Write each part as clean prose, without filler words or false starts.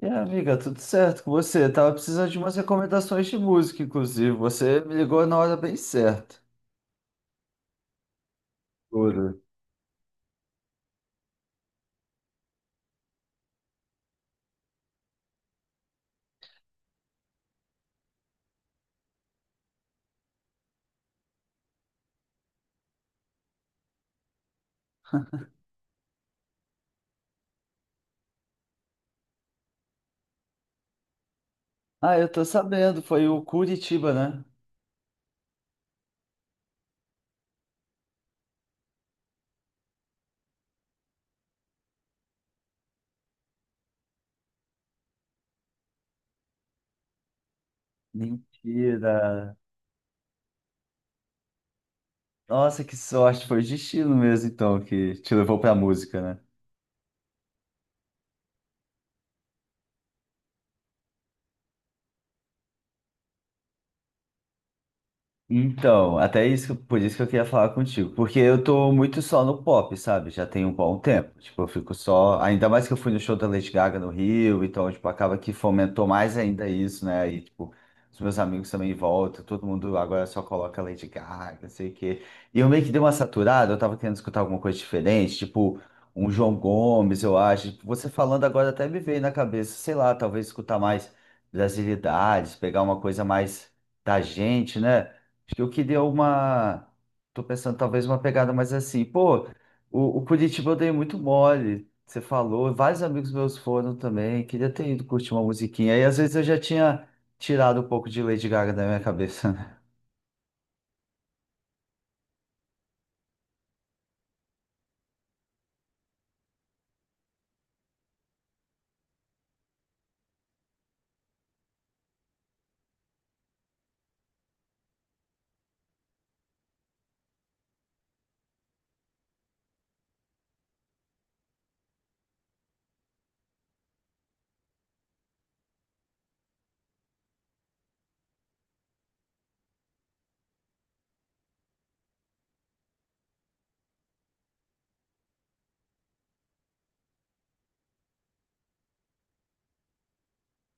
E aí, amiga, tudo certo com você? Tava precisando de umas recomendações de música, inclusive. Você me ligou na hora bem certa. Tudo. Ah, eu tô sabendo, foi o Curitiba, né? Mentira. Nossa, que sorte, foi o destino mesmo, então, que te levou pra música, né? Então, até isso, por isso que eu queria falar contigo, porque eu tô muito só no pop, sabe? Já tem um bom tempo. Tipo, eu fico só, ainda mais que eu fui no show da Lady Gaga no Rio, então, tipo, acaba que fomentou mais ainda isso, né? E, tipo, os meus amigos também voltam, todo mundo agora só coloca Lady Gaga, não sei o quê. E eu meio que dei uma saturada, eu tava querendo escutar alguma coisa diferente, tipo, um João Gomes, eu acho. Tipo, você falando agora até me veio na cabeça, sei lá, talvez escutar mais brasilidades, pegar uma coisa mais da gente, né? Acho que eu queria uma. Tô pensando talvez uma pegada mais assim. Pô, o Curitiba eu dei muito mole. Você falou, vários amigos meus foram também. Queria ter ido curtir uma musiquinha. Aí às vezes eu já tinha tirado um pouco de Lady Gaga da minha cabeça, né?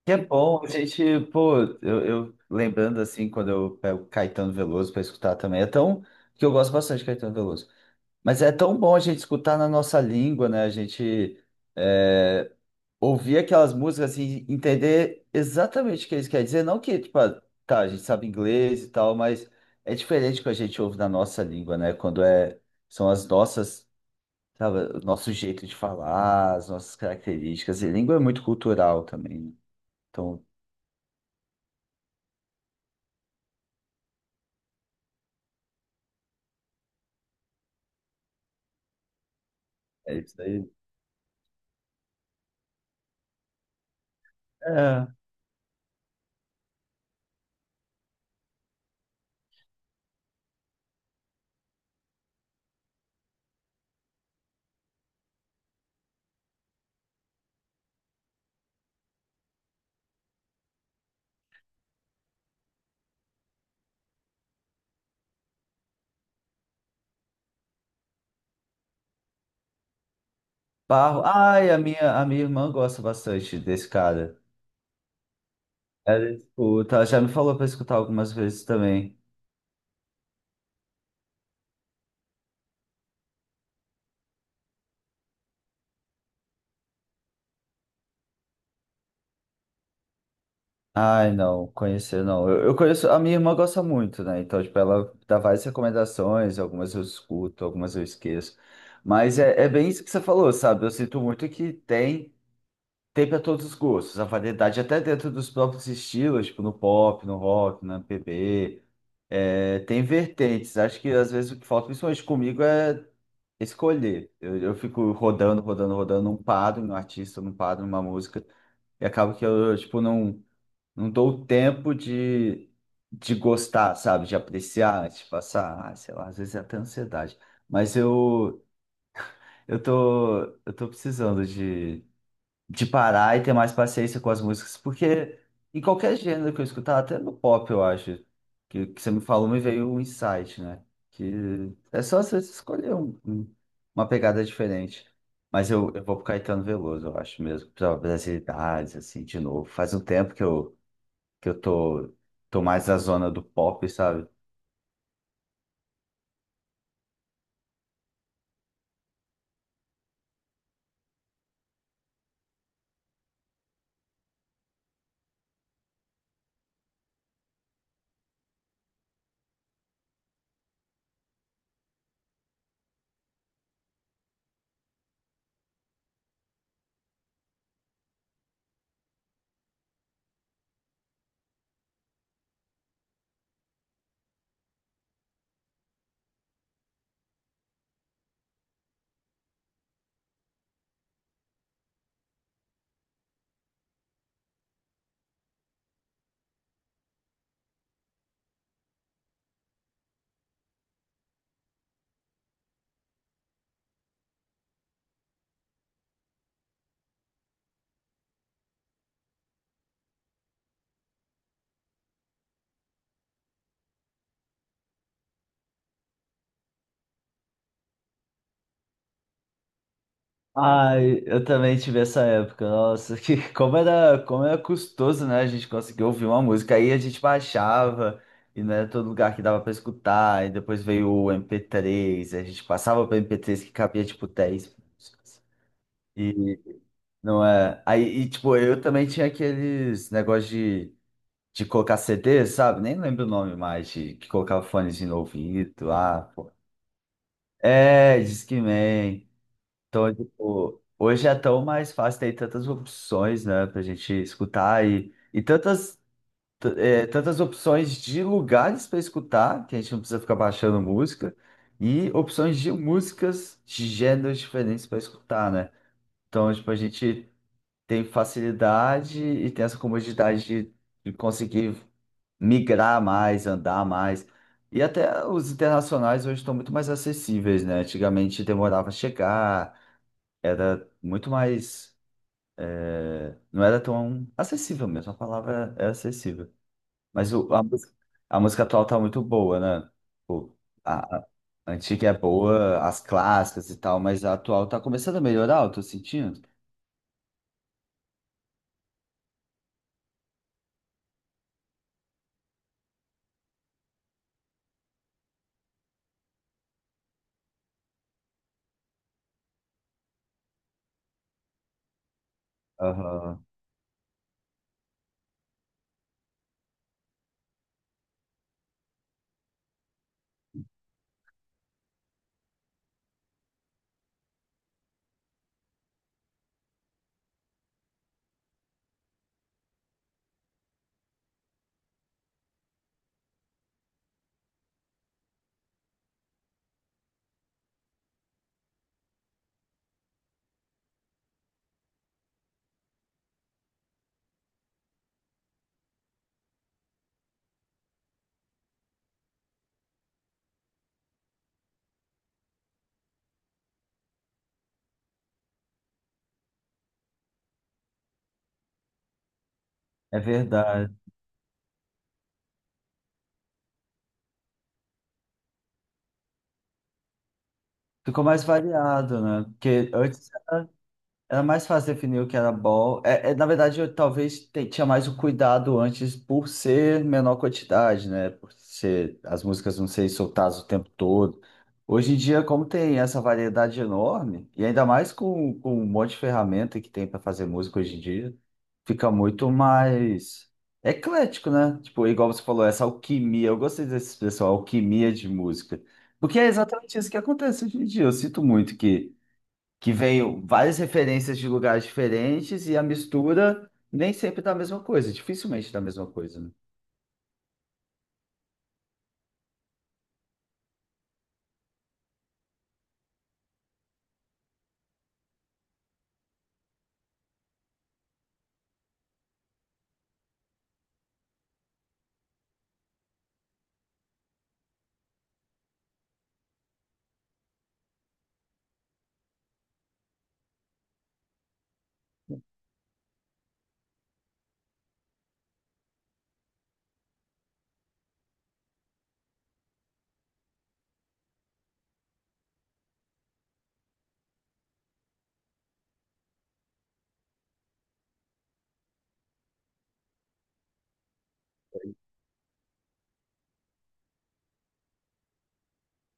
Que é bom, a gente, pô, eu lembrando assim, quando eu pego Caetano Veloso para escutar também, é tão. Que eu gosto bastante de Caetano Veloso. Mas é tão bom a gente escutar na nossa língua, né? A gente. eh, ouvir aquelas músicas assim, entender exatamente o que eles querem dizer. Não que, tipo, ah, tá, a gente sabe inglês e tal, mas é diferente que a gente ouve na nossa língua, né? Quando é, são as nossas, sabe, o nosso jeito de falar, as nossas características. E língua é muito cultural também, né? Então, é isso aí. É. Barro. Ai, a minha irmã gosta bastante desse cara. Ela escuta, ela já me falou pra escutar algumas vezes também. Ai, não, conhecer não. Eu conheço, a minha irmã gosta muito, né? Então, tipo, ela dá várias recomendações, algumas eu escuto, algumas eu esqueço. Mas é, é bem isso que você falou, sabe? Eu sinto muito que tem, tem para todos os gostos, a variedade até dentro dos próprios estilos, tipo no pop, no rock, na MPB. É, tem vertentes. Acho que às vezes o que falta, principalmente comigo, é escolher. Eu fico rodando, rodando, rodando, não paro em um artista, não paro em uma música. E acaba que eu, tipo, não. Não dou tempo de gostar, sabe? De apreciar, de passar, ah, sei lá, às vezes é até ansiedade. Mas eu, eu tô precisando de parar e ter mais paciência com as músicas, porque em qualquer gênero que eu escutar, até no pop, eu acho, que você me falou, me veio um insight, né? Que é só você escolher uma pegada diferente. Mas eu vou pro Caetano Veloso, eu acho mesmo, pra brasilidades, assim, de novo. Faz um tempo que eu que eu tô, tô mais na zona do pop, sabe? Ai, eu também tive essa época. Nossa, que como era custoso, né? A gente conseguir ouvir uma música. Aí a gente baixava e não era todo lugar que dava pra escutar. E depois veio o MP3, a gente passava para MP3 que cabia tipo 10 músicas. E não é. Aí, e, tipo, eu também tinha aqueles negócios de colocar CD, sabe? Nem lembro o nome mais, de que colocava fones no ouvido. Ah, pô. É, Discman. Então, é, tipo, hoje é tão mais fácil, tem tantas opções, né, pra gente escutar e tantas, tantas opções de lugares para escutar, que a gente não precisa ficar baixando música, e opções de músicas de gêneros diferentes para escutar, né? Então, tipo, a gente tem facilidade e tem essa comodidade de conseguir migrar mais, andar mais. E até os internacionais hoje estão muito mais acessíveis, né? Antigamente demorava a chegar, era muito mais. É, não era tão acessível mesmo, a palavra é acessível. Mas música a música atual tá muito boa, né? Tipo, a antiga é boa, as clássicas e tal, mas a atual tá começando a melhorar, eu tô sentindo. Aham. É verdade. Ficou mais variado, né? Porque antes era mais fácil definir o que era ball. É, é, na verdade, eu talvez tinha mais o cuidado antes por ser menor quantidade, né? Por ser as músicas não serem soltadas o tempo todo. Hoje em dia, como tem essa variedade enorme, e ainda mais com um monte de ferramenta que tem para fazer música hoje em dia, fica muito mais eclético, né? Tipo, igual você falou, essa alquimia. Eu gostei dessa expressão, alquimia de música. Porque é exatamente isso que acontece hoje em dia. Eu sinto muito que veio várias referências de lugares diferentes e a mistura nem sempre dá a mesma coisa, dificilmente dá a mesma coisa, né?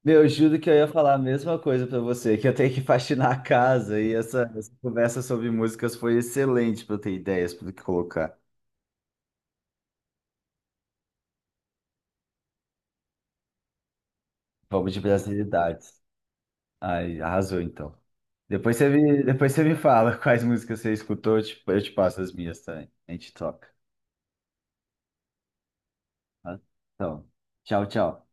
Meu, eu juro que eu ia falar a mesma coisa pra você, que eu tenho que faxinar a casa e essa conversa sobre músicas foi excelente pra eu ter ideias para que colocar. Vamos de brasilidades. Ai, arrasou então. Depois você me fala quais músicas você escutou, eu te passo as minhas também. A gente troca. Tá? Então, tchau, tchau.